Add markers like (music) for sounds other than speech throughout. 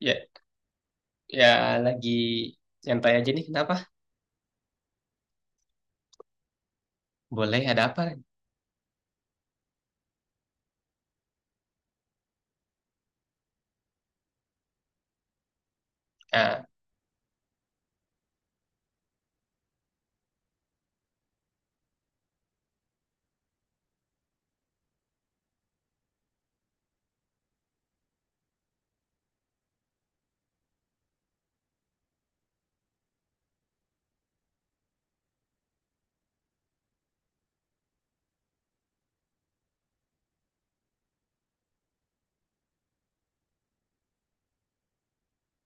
Ya, ya lagi nyantai aja nih. Kenapa? Boleh, ada apa? Ah,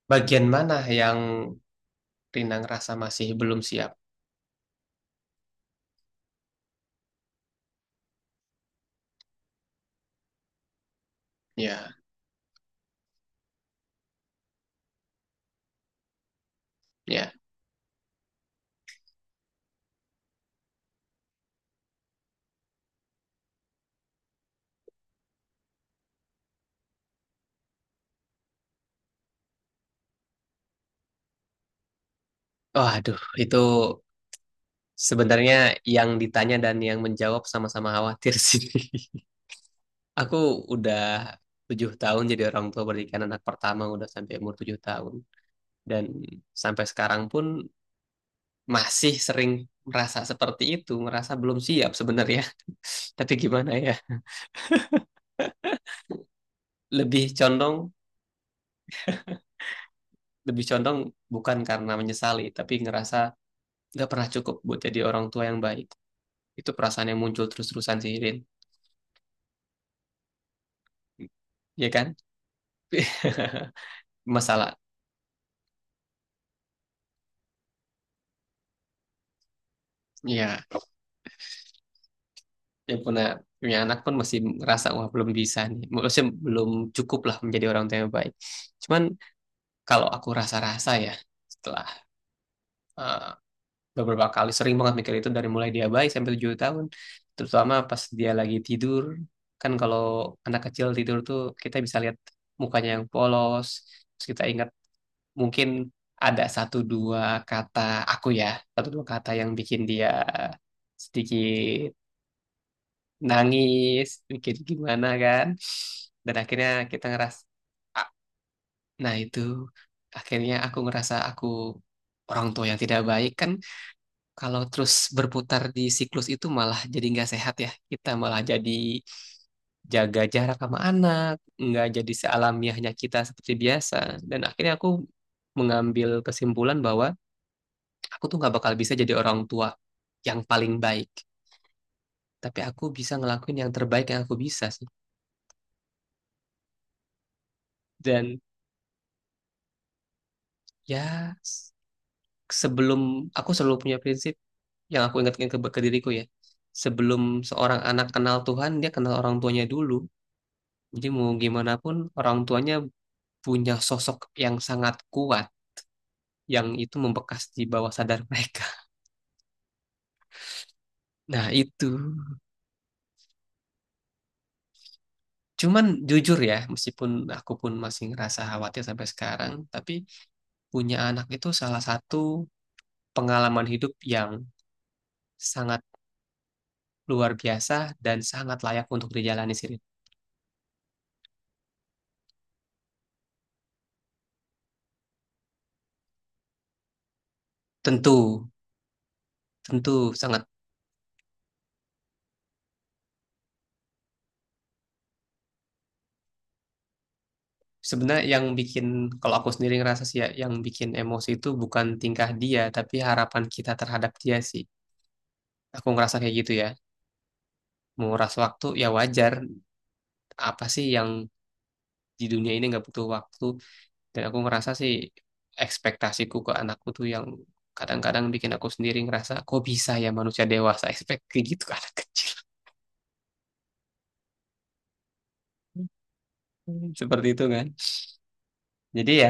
bagian mana yang Rina ngerasa masih belum siap? Ya, ya. Oh, aduh, itu sebenarnya yang ditanya dan yang menjawab sama-sama khawatir sih. (laughs) Aku udah 7 tahun jadi orang tua berikan anak pertama udah sampai umur 7 tahun dan sampai sekarang pun masih sering merasa seperti itu, merasa belum siap sebenarnya. (laughs) Tapi gimana ya? Lebih condong lebih condong bukan karena menyesali, tapi ngerasa nggak pernah cukup buat jadi orang tua yang baik. Itu perasaan yang muncul terus-terusan sih, Rin. Ya kan? (laughs) Masalah. Ya, yang punya punya anak pun masih ngerasa wah belum bisa nih. Maksudnya belum cukup lah menjadi orang tua yang baik. Cuman kalau aku rasa-rasa ya setelah eh, beberapa kali sering banget mikir itu dari mulai dia bayi sampai 7 tahun terutama pas dia lagi tidur kan kalau anak kecil tidur tuh kita bisa lihat mukanya yang polos terus kita ingat mungkin ada satu dua kata aku ya satu dua kata yang bikin dia sedikit nangis bikin gimana kan dan akhirnya kita ngeras ah, nah itu akhirnya aku ngerasa aku orang tua yang tidak baik kan kalau terus berputar di siklus itu malah jadi nggak sehat ya. Kita malah jadi jaga jarak sama anak, nggak jadi sealamiahnya kita seperti biasa. Dan akhirnya aku mengambil kesimpulan bahwa aku tuh nggak bakal bisa jadi orang tua yang paling baik. Tapi aku bisa ngelakuin yang terbaik yang aku bisa sih. Dan ya s- sebelum aku selalu punya prinsip yang aku ingatkan ke diriku ya. Sebelum seorang anak kenal Tuhan, dia kenal orang tuanya dulu. Jadi mau gimana pun orang tuanya punya sosok yang sangat kuat yang itu membekas di bawah sadar mereka. (laughs) Nah, itu. Cuman jujur ya, meskipun aku pun masih ngerasa khawatir sampai sekarang, tapi punya anak itu salah satu pengalaman hidup yang sangat luar biasa dan sangat layak untuk dijalani sih. Rin. Tentu, tentu sangat. Sebenarnya yang bikin, kalau aku sendiri ngerasa sih ya, yang bikin emosi itu bukan tingkah dia, tapi harapan kita terhadap dia sih, aku ngerasa kayak gitu ya. Menguras waktu ya wajar, apa sih yang di dunia ini nggak butuh waktu? Dan aku ngerasa sih ekspektasiku ke anakku tuh yang kadang-kadang bikin aku sendiri ngerasa kok bisa ya manusia dewasa (laughs) expect kayak gitu ke anak kecil. Hmm, seperti itu kan, jadi ya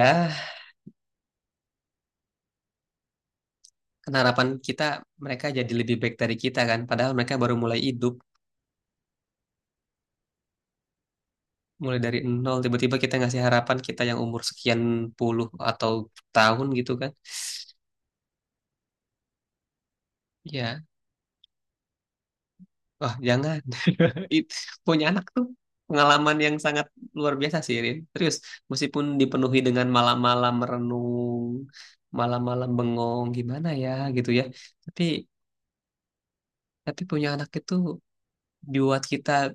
kan harapan kita mereka jadi lebih baik dari kita kan, padahal mereka baru mulai hidup, mulai dari nol, tiba-tiba kita ngasih harapan kita yang umur sekian puluh atau tahun gitu kan. Ya, wah jangan. It, Punya anak tuh pengalaman yang sangat luar biasa sih, Rin. Terus, meskipun dipenuhi dengan malam-malam merenung, malam-malam bengong, gimana ya gitu ya. Tapi, tapi punya anak itu buat kita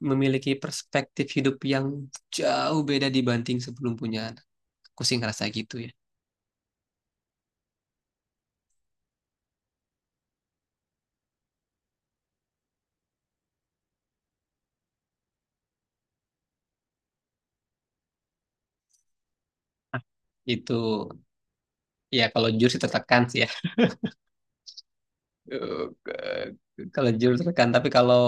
memiliki perspektif hidup yang jauh beda dibanding sebelum punya anak. Aku sih ngerasa gitu ya. Itu, ya kalau jujur sih tertekan sih ya. (laughs) Kalau jujur tertekan, tapi kalau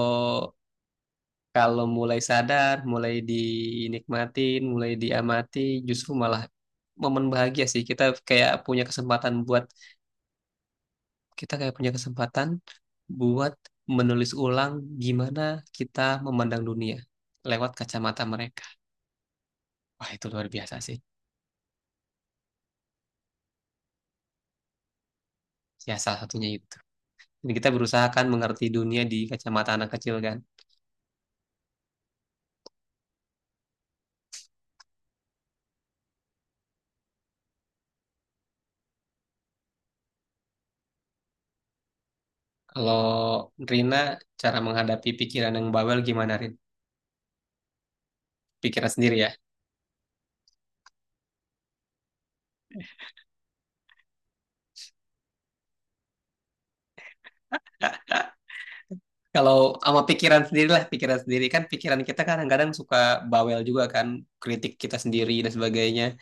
kalau mulai sadar, mulai dinikmatin, mulai diamati, justru malah momen bahagia sih. Kayak punya kesempatan buat Kita kayak punya kesempatan buat menulis ulang gimana kita memandang dunia lewat kacamata mereka. Wah, itu luar biasa sih. Ya, salah satunya itu. Jadi kita berusaha kan mengerti dunia di kacamata anak kecil kan. Kalau Rina, cara menghadapi pikiran yang bawel gimana, Rin? Pikiran sendiri ya. Kalau sama pikiran sendiri lah, pikiran sendiri kan, pikiran kita kadang-kadang suka bawel juga kan, kritik kita sendiri dan sebagainya.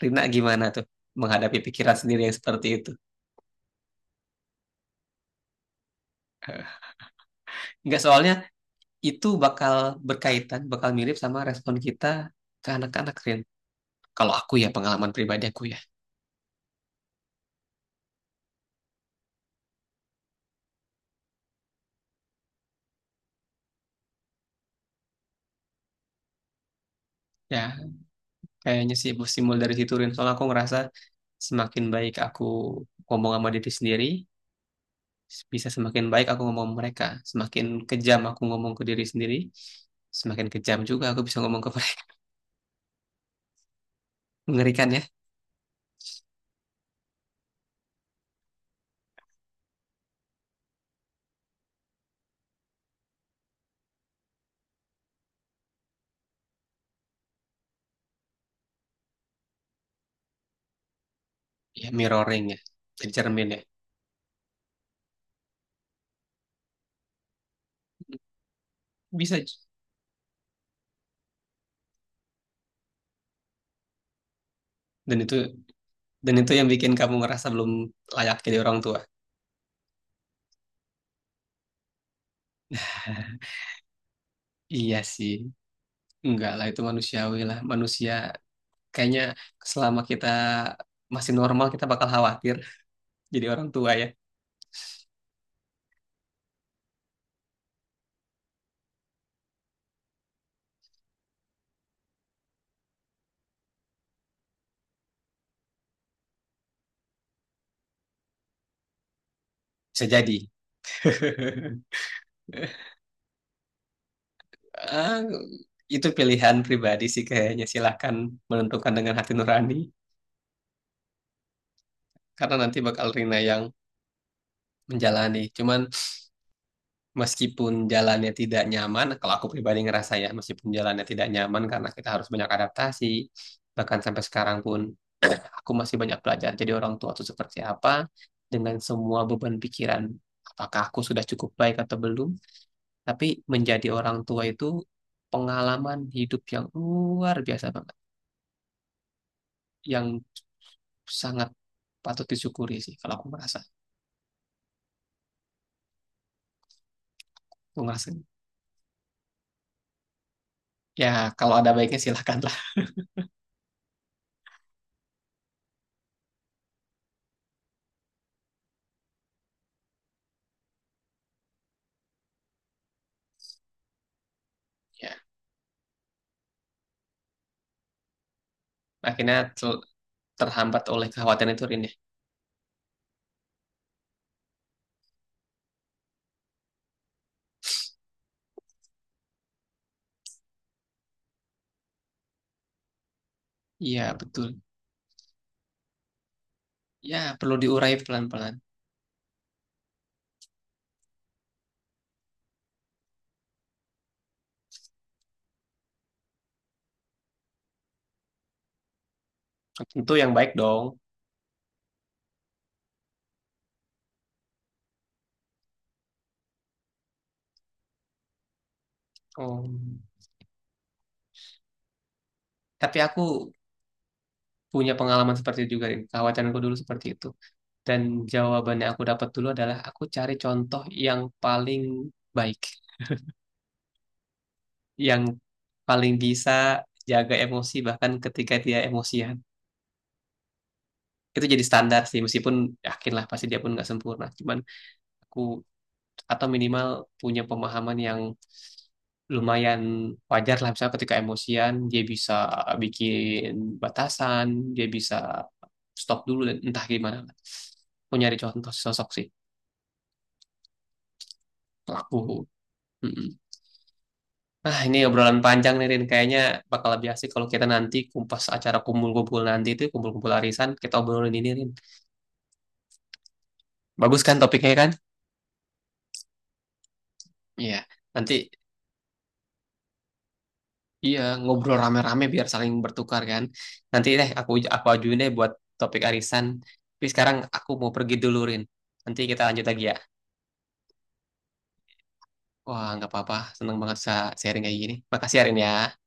Rina gimana tuh menghadapi pikiran sendiri yang seperti itu? (laughs) Enggak, soalnya itu bakal berkaitan, bakal mirip sama respon kita ke anak-anak, Rin. Kalau aku ya pengalaman pribadi aku ya, ya kayaknya sih simul dari situ, Rin. Soalnya aku ngerasa semakin baik aku ngomong sama diri sendiri, bisa semakin baik aku ngomong ke mereka. Semakin kejam aku ngomong ke diri sendiri, semakin kejam juga aku bisa ngomong ke mereka. (laughs) Mengerikan ya? Ya, mirroring ya, jadi cermin ya. Bisa. Dan itu dan itu yang bikin kamu ngerasa belum layak jadi orang tua. (laughs) Iya sih, enggak lah, itu manusiawi lah. Manusia kayaknya selama kita masih normal kita bakal khawatir jadi orang tua ya. Bisa jadi. (laughs) Ah, itu pilihan pribadi sih kayaknya. Silahkan menentukan dengan hati nurani, karena nanti bakal Rina yang menjalani. Cuman meskipun jalannya tidak nyaman, kalau aku pribadi ngerasa ya, meskipun jalannya tidak nyaman karena kita harus banyak adaptasi, bahkan sampai sekarang pun aku masih banyak belajar jadi orang tua itu seperti apa, dengan semua beban pikiran, apakah aku sudah cukup baik atau belum, tapi menjadi orang tua itu pengalaman hidup yang luar biasa banget. Yang sangat patut disyukuri sih, kalau aku merasa gitu. Ya kalau ada baiknya silakanlah. Ya akhirnya terhambat oleh kekhawatiran itu, Rin ya. Iya betul, ya perlu diurai pelan-pelan. Tentu yang baik dong. Oh. Tapi aku punya pengalaman seperti itu juga, Rin, kekhawatiranku dulu seperti itu. Dan jawaban yang aku dapat dulu adalah aku cari contoh yang paling baik, yang paling bisa jaga emosi bahkan ketika dia emosian. Itu jadi standar sih, meskipun yakin lah pasti dia pun nggak sempurna, cuman aku atau minimal punya pemahaman yang lumayan wajar lah, misalnya ketika emosian dia bisa bikin batasan, dia bisa stop dulu dan entah gimana lah. Aku nyari contoh sosok sih, pelaku. Mm-mm. Ah, ini obrolan panjang nih, Rin, kayaknya bakal lebih asik kalau kita nanti kumpas acara kumpul-kumpul, nanti itu kumpul-kumpul arisan kita obrolin ini, Rin. Bagus kan topiknya kan. Iya. Nanti. Iya, ngobrol rame-rame biar saling bertukar kan. Nanti deh aku ajuin deh buat topik arisan. Tapi sekarang aku mau pergi dulu, Rin. Nanti kita lanjut lagi ya. Wah, nggak apa-apa. Seneng banget bisa sharing kayak gini. Makasih, ya, Rin ya.